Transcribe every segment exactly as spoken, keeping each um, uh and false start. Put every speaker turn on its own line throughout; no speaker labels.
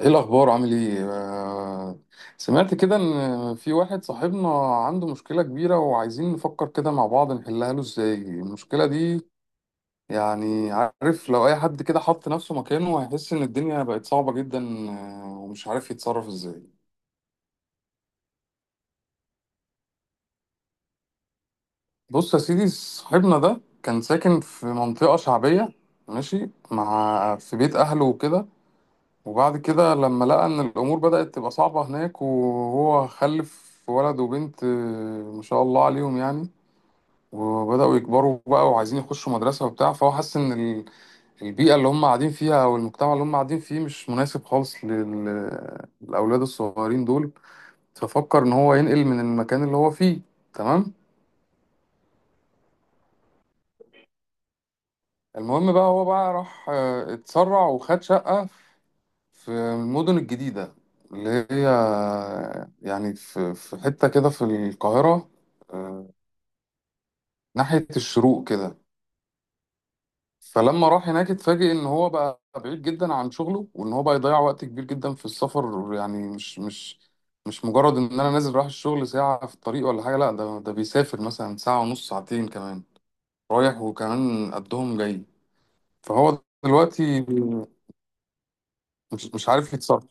ايه الاخبار؟ عامل ايه؟ آه، سمعت كده ان في واحد صاحبنا عنده مشكله كبيره، وعايزين نفكر كده مع بعض نحلها له ازاي المشكله دي. يعني عارف، لو اي حد كده حط نفسه مكانه هيحس ان الدنيا بقت صعبه جدا، آه، ومش عارف يتصرف ازاي. بص يا سيدي، صاحبنا ده كان ساكن في منطقه شعبيه، ماشي مع في بيت اهله وكده. وبعد كده لما لقى ان الامور بدأت تبقى صعبة هناك، وهو خلف ولد وبنت، آه، ما شاء الله عليهم يعني، وبدأوا يكبروا بقى وعايزين يخشوا مدرسة وبتاع، فهو حس ان ال- البيئة اللي هم قاعدين فيها او المجتمع اللي هم قاعدين فيه مش مناسب خالص لل- للاولاد الصغيرين دول. ففكر ان هو ينقل من المكان اللي هو فيه. تمام. المهم بقى، هو بقى راح، آه، اتسرع وخد شقة في المدن الجديدة، اللي هي يعني في في حتة كده في القاهرة، آه، ناحية الشروق كده. فلما راح هناك اتفاجئ ان هو بقى بعيد جدا عن شغله، وان هو بقى يضيع وقت كبير جدا في السفر. يعني مش مش مش مجرد ان انا نازل رايح الشغل ساعة في الطريق ولا حاجة، لا، ده ده بيسافر مثلا ساعة ونص، ساعتين كمان رايح وكمان قدهم جاي. فهو دلوقتي مش مش عارف يتصرف.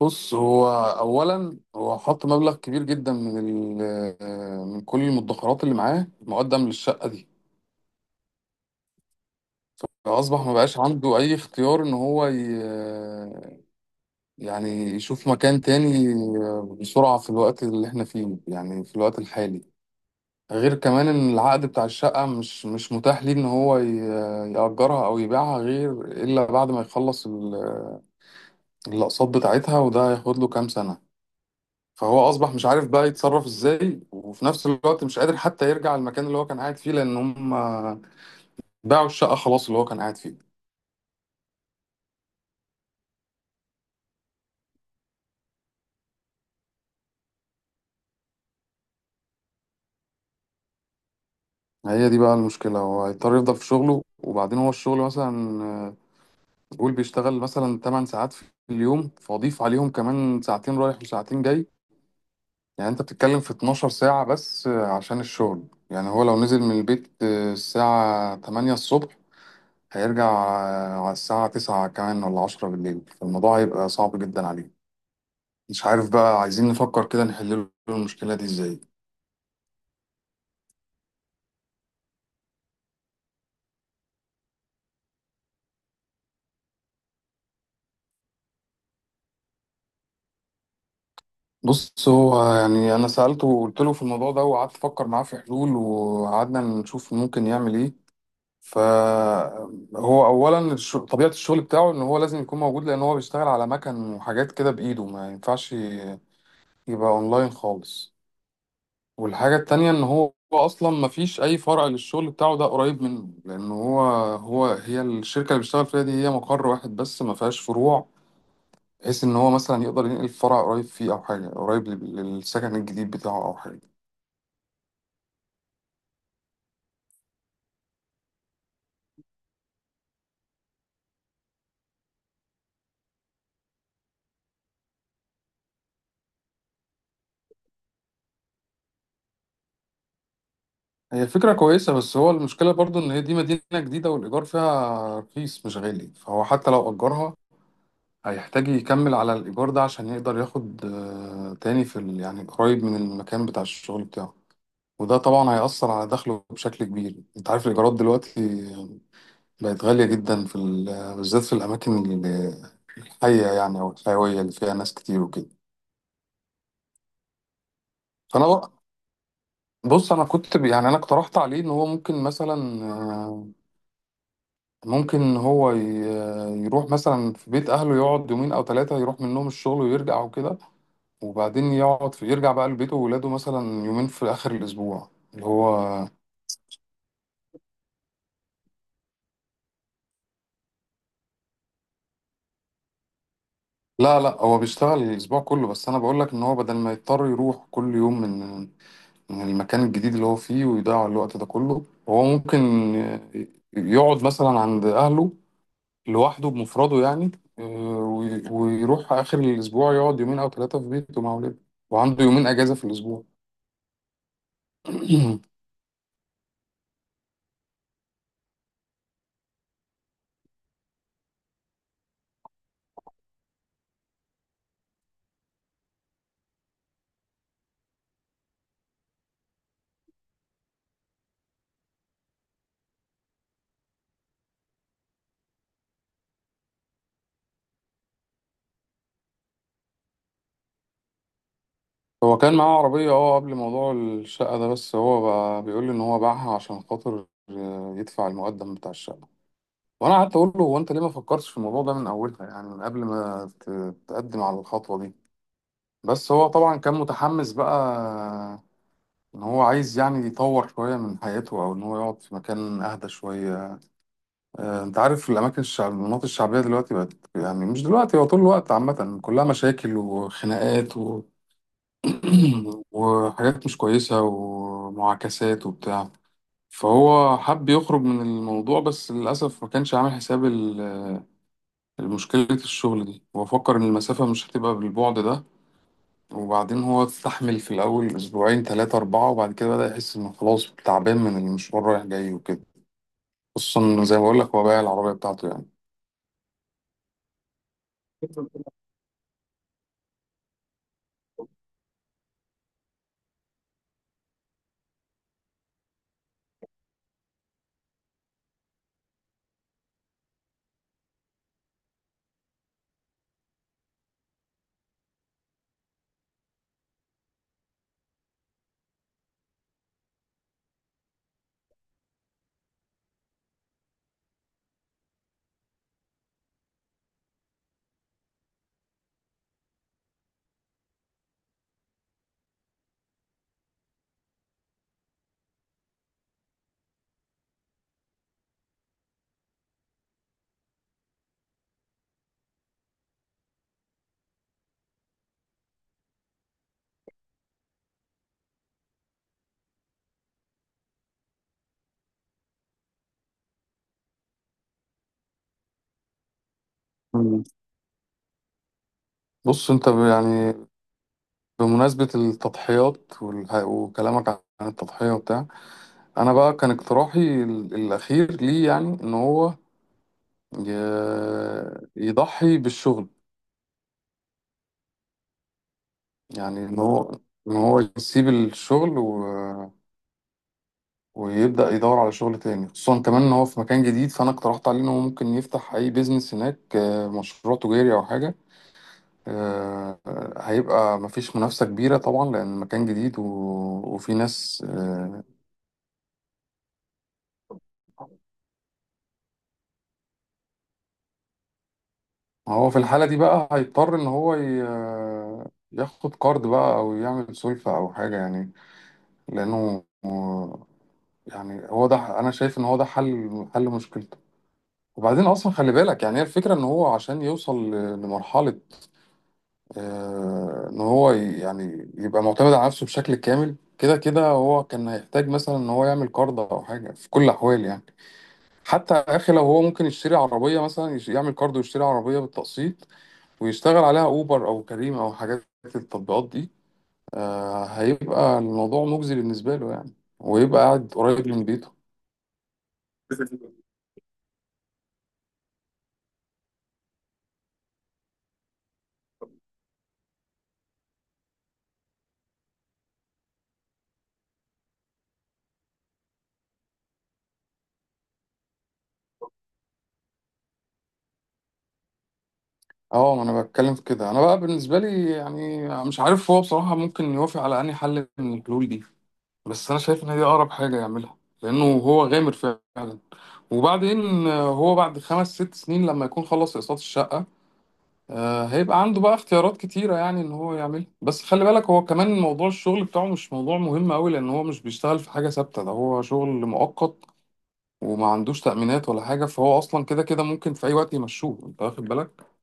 بص، هو اولا، هو حط مبلغ كبير جدا من ال- آه، من كل المدخرات اللي معاه مقدم للشقه دي. فاصبح ما بقاش عنده اي اختيار ان هو ي- آه، يعني يشوف مكان تاني بسرعه في الوقت اللي احنا فيه، يعني في الوقت الحالي. غير كمان، ان العقد بتاع الشقه مش مش متاح ليه ان هو ي- آه، يأجرها او يبيعها غير الا بعد ما يخلص ال- آه، الاقساط بتاعتها، وده هياخد له كام سنه. فهو اصبح مش عارف بقى يتصرف ازاي، وفي نفس الوقت مش قادر حتى يرجع المكان اللي هو كان قاعد فيه لان هم باعوا الشقة خلاص اللي هو كان قاعد فيه. هي دي بقى المشكلة. هو هيضطر يفضل في شغله، وبعدين هو الشغل مثلا، آه، قول بيشتغل مثلا ثماني ساعات في اليوم، فاضيف عليهم كمان ساعتين رايح وساعتين جاي. يعني انت بتتكلم في اتناشر ساعة بس، آه، عشان الشغل. يعني هو لو نزل من البيت آه، الساعة تمانية الصبح، هيرجع آه، على الساعة تسعة كمان ولا عشرة بالليل، فالموضوع هيبقى صعب جدا عليه. مش عارف بقى، عايزين نفكر كده نحل له المشكلة دي ازاي. بص، هو يعني انا سألته وقلت له في الموضوع ده، وقعدت افكر معاه في حلول وقعدنا نشوف ممكن يعمل ايه. فهو اولا، الش- طبيعة الشغل بتاعه ان هو لازم يكون موجود، لان هو بيشتغل على مكن وحاجات كده بايده، ما ينفعش يبقى اونلاين خالص. والحاجة التانية، ان هو اصلا ما فيش اي فرع للشغل بتاعه ده قريب منه، لان هو هو هي الشركة اللي بيشتغل فيها دي هي مقر واحد بس، ما فيهاش فروع، بحيث ان هو مثلا يقدر ينقل فرع قريب فيه او حاجه قريب لل- للسكن الجديد بتاعه او حاجه. هي فكره كويسه، بس هو المشكله برضو ان هي دي مدينه جديده والايجار فيها رخيص مش غالي، فهو حتى لو اجرها هيحتاج يكمل على الايجار ده عشان يقدر ياخد آه، تاني في ال- يعني قريب من المكان بتاع الشغل بتاعه. وده طبعا هيأثر على دخله بشكل كبير. انت عارف الايجارات دلوقتي بقت غاليه جدا في ال- بالذات في الاماكن ال- الحيه يعني، او الحيويه اللي فيها ناس كتير وكده. فانا، بص، انا كنت ب- يعني انا اقترحت عليه ان هو ممكن مثلا، آه، ممكن هو ي- آه، يروح مثلا في بيت اهله يقعد يومين او ثلاثه، يروح منهم الشغل ويرجع وكده، وبعدين يقعد في يرجع بقى لبيته وولاده مثلا يومين في اخر الاسبوع اللي هو. لا، لا، هو بيشتغل الاسبوع كله، بس انا بقول لك ان هو بدل ما يضطر يروح كل يوم من من المكان الجديد اللي هو فيه ويضيع الوقت ده كله، هو ممكن آه، يقعد مثلا عند اهله لوحده بمفرده يعني، آه، وي- ويروح آخر الأسبوع يقعد يومين أو ثلاثة في بيته مع ولاده، وعنده يومين أجازة في الأسبوع. هو كان معاه عربية اه قبل موضوع الشقة ده، بس هو بقى بيقول لي إن هو باعها عشان خاطر آه، يدفع المقدم بتاع الشقة. وأنا قعدت أقول له، هو أنت ليه ما فكرتش في الموضوع ده من أولها؟ يعني من قبل ما ت- تقدم على الخطوة دي. بس هو طبعا كان متحمس بقى، إن هو عايز يعني يطور شوية من حياته، أو إن هو يقعد في مكان أهدى شوية. آه، انت عارف الاماكن الشعب المناطق الشعبيه دلوقتي بقت يعني، مش دلوقتي، هو طول الوقت عامه كلها مشاكل وخناقات و... وحاجات مش كويسه ومعاكسات وبتاع. فهو حب يخرج من الموضوع، بس للاسف ما كانش عامل حساب ال- المشكله الشغل دي. هو فكر ان المسافه مش هتبقى بالبعد ده. وبعدين هو استحمل في الاول اسبوعين، ثلاثه، اربعه، وبعد كده بدا يحس انه خلاص تعبان من المشوار رايح جاي وكده، خصوصا زي ما بقول لك، هو بايع العربيه بتاعته. يعني، بص، انت ب- يعني بمناسبة التضحيات والح- وكلامك عن التضحية وبتاع، انا بقى كان اقتراحي ال- الاخير ليه يعني ان هو ي- يضحي بالشغل. يعني ان هو ان هو يسيب الشغل و... ويبدأ يدور على شغل تاني، خصوصا كمان ان هو في مكان جديد، فانا اقترحت عليه ان هو ممكن يفتح اي بيزنس هناك، آه، مشروع تجاري او حاجة. آه، هيبقى مفيش منافسة كبيرة طبعا لأن مكان جديد و... وفي ناس، آه، هو في الحالة دي بقى هيضطر إن هو ي... ياخد كارد بقى، أو يعمل سلفة أو حاجة يعني، لأنه يعني، هو ده أنا شايف إن هو ده حل حل مشكلته. وبعدين أصلا خلي بالك، يعني هي الفكرة، إن هو عشان يوصل ل- لمرحلة آه، إن هو ي- يعني يبقى معتمد على نفسه بشكل كامل، كده كده هو كان هيحتاج مثلا إن هو يعمل كارد أو حاجة في كل الأحوال يعني. حتى يا أخي، لو هو ممكن يشتري عربية مثلا، يش- يعمل كارد ويشتري عربية بالتقسيط ويشتغل عليها اوبر او كريم او حاجات التطبيقات دي، آه، هيبقى الموضوع مجزي بالنسبه له يعني، ويبقى قاعد قريب من بيته. اه، ما انا بتكلم في كده. انا بقى بالنسبه لي، يعني مش عارف هو بصراحه ممكن يوافق على انهي حل من الحلول دي، بس انا شايف ان هي اقرب حاجه يعملها لانه هو غامر فعلا. وبعدين آه، هو بعد خمس ست سنين لما يكون خلص اقساط الشقه، آه، هيبقى عنده بقى اختيارات كتيرة يعني ان هو يعملها. بس خلي بالك، هو كمان موضوع الشغل بتاعه مش موضوع مهم قوي، لان هو مش بيشتغل في حاجة ثابتة، ده هو شغل مؤقت، وما عندوش تأمينات ولا حاجة، فهو اصلا كده كده ممكن في اي وقت يمشوه، انت واخد بالك.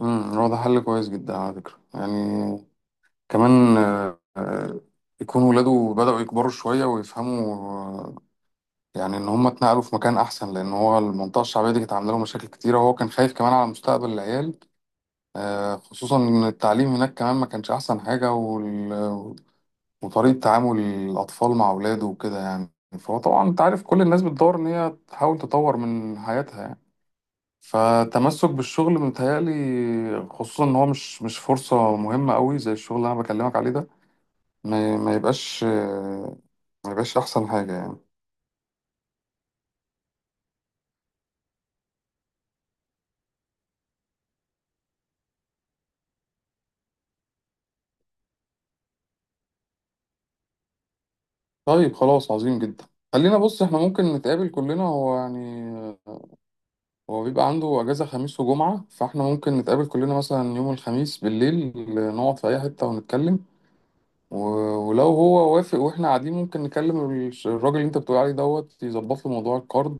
امم هو ده حل كويس جدا على فكرة يعني. كمان آه، آه، يكون ولاده بدأوا يكبروا شوية ويفهموا، آه، يعني ان هم اتنقلوا في مكان احسن، لان هو المنطقة الشعبية دي كانت عاملة له مشاكل كتيرة، وهو كان خايف كمان على مستقبل العيال، آه، خصوصا ان التعليم هناك كمان ما كانش احسن حاجة وال... وطريقة تعامل الاطفال مع اولاده وكده يعني. فهو طبعا انت عارف، كل الناس بتدور ان هي تحاول تطور من حياتها يعني، فتمسك بالشغل متهيألي، خصوصا ان هو مش مش فرصة مهمة قوي زي الشغل اللي انا بكلمك عليه ده، ما, ما يبقاش آه، ما يبقاش احسن حاجة يعني. طيب خلاص، عظيم جدا. خلينا، بص، احنا ممكن نتقابل كلنا، هو يعني هو بيبقى عنده أجازة خميس وجمعة، فاحنا ممكن نتقابل كلنا مثلا يوم الخميس بالليل، نقعد في أي حتة ونتكلم. و- ولو هو وافق واحنا قاعدين، ممكن نكلم الش- الراجل اللي انت بتقول عليه دوت يظبط له موضوع الكارد،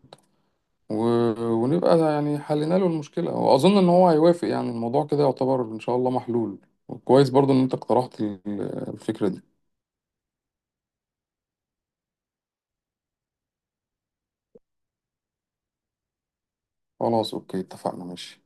و- ونبقى يعني حلينا له المشكلة، وأظن إن هو هيوافق. يعني الموضوع كده يعتبر إن شاء الله محلول، وكويس برضو إن انت اقترحت ال- الفكرة دي. خلاص، أوكي، اتفقنا، ماشي.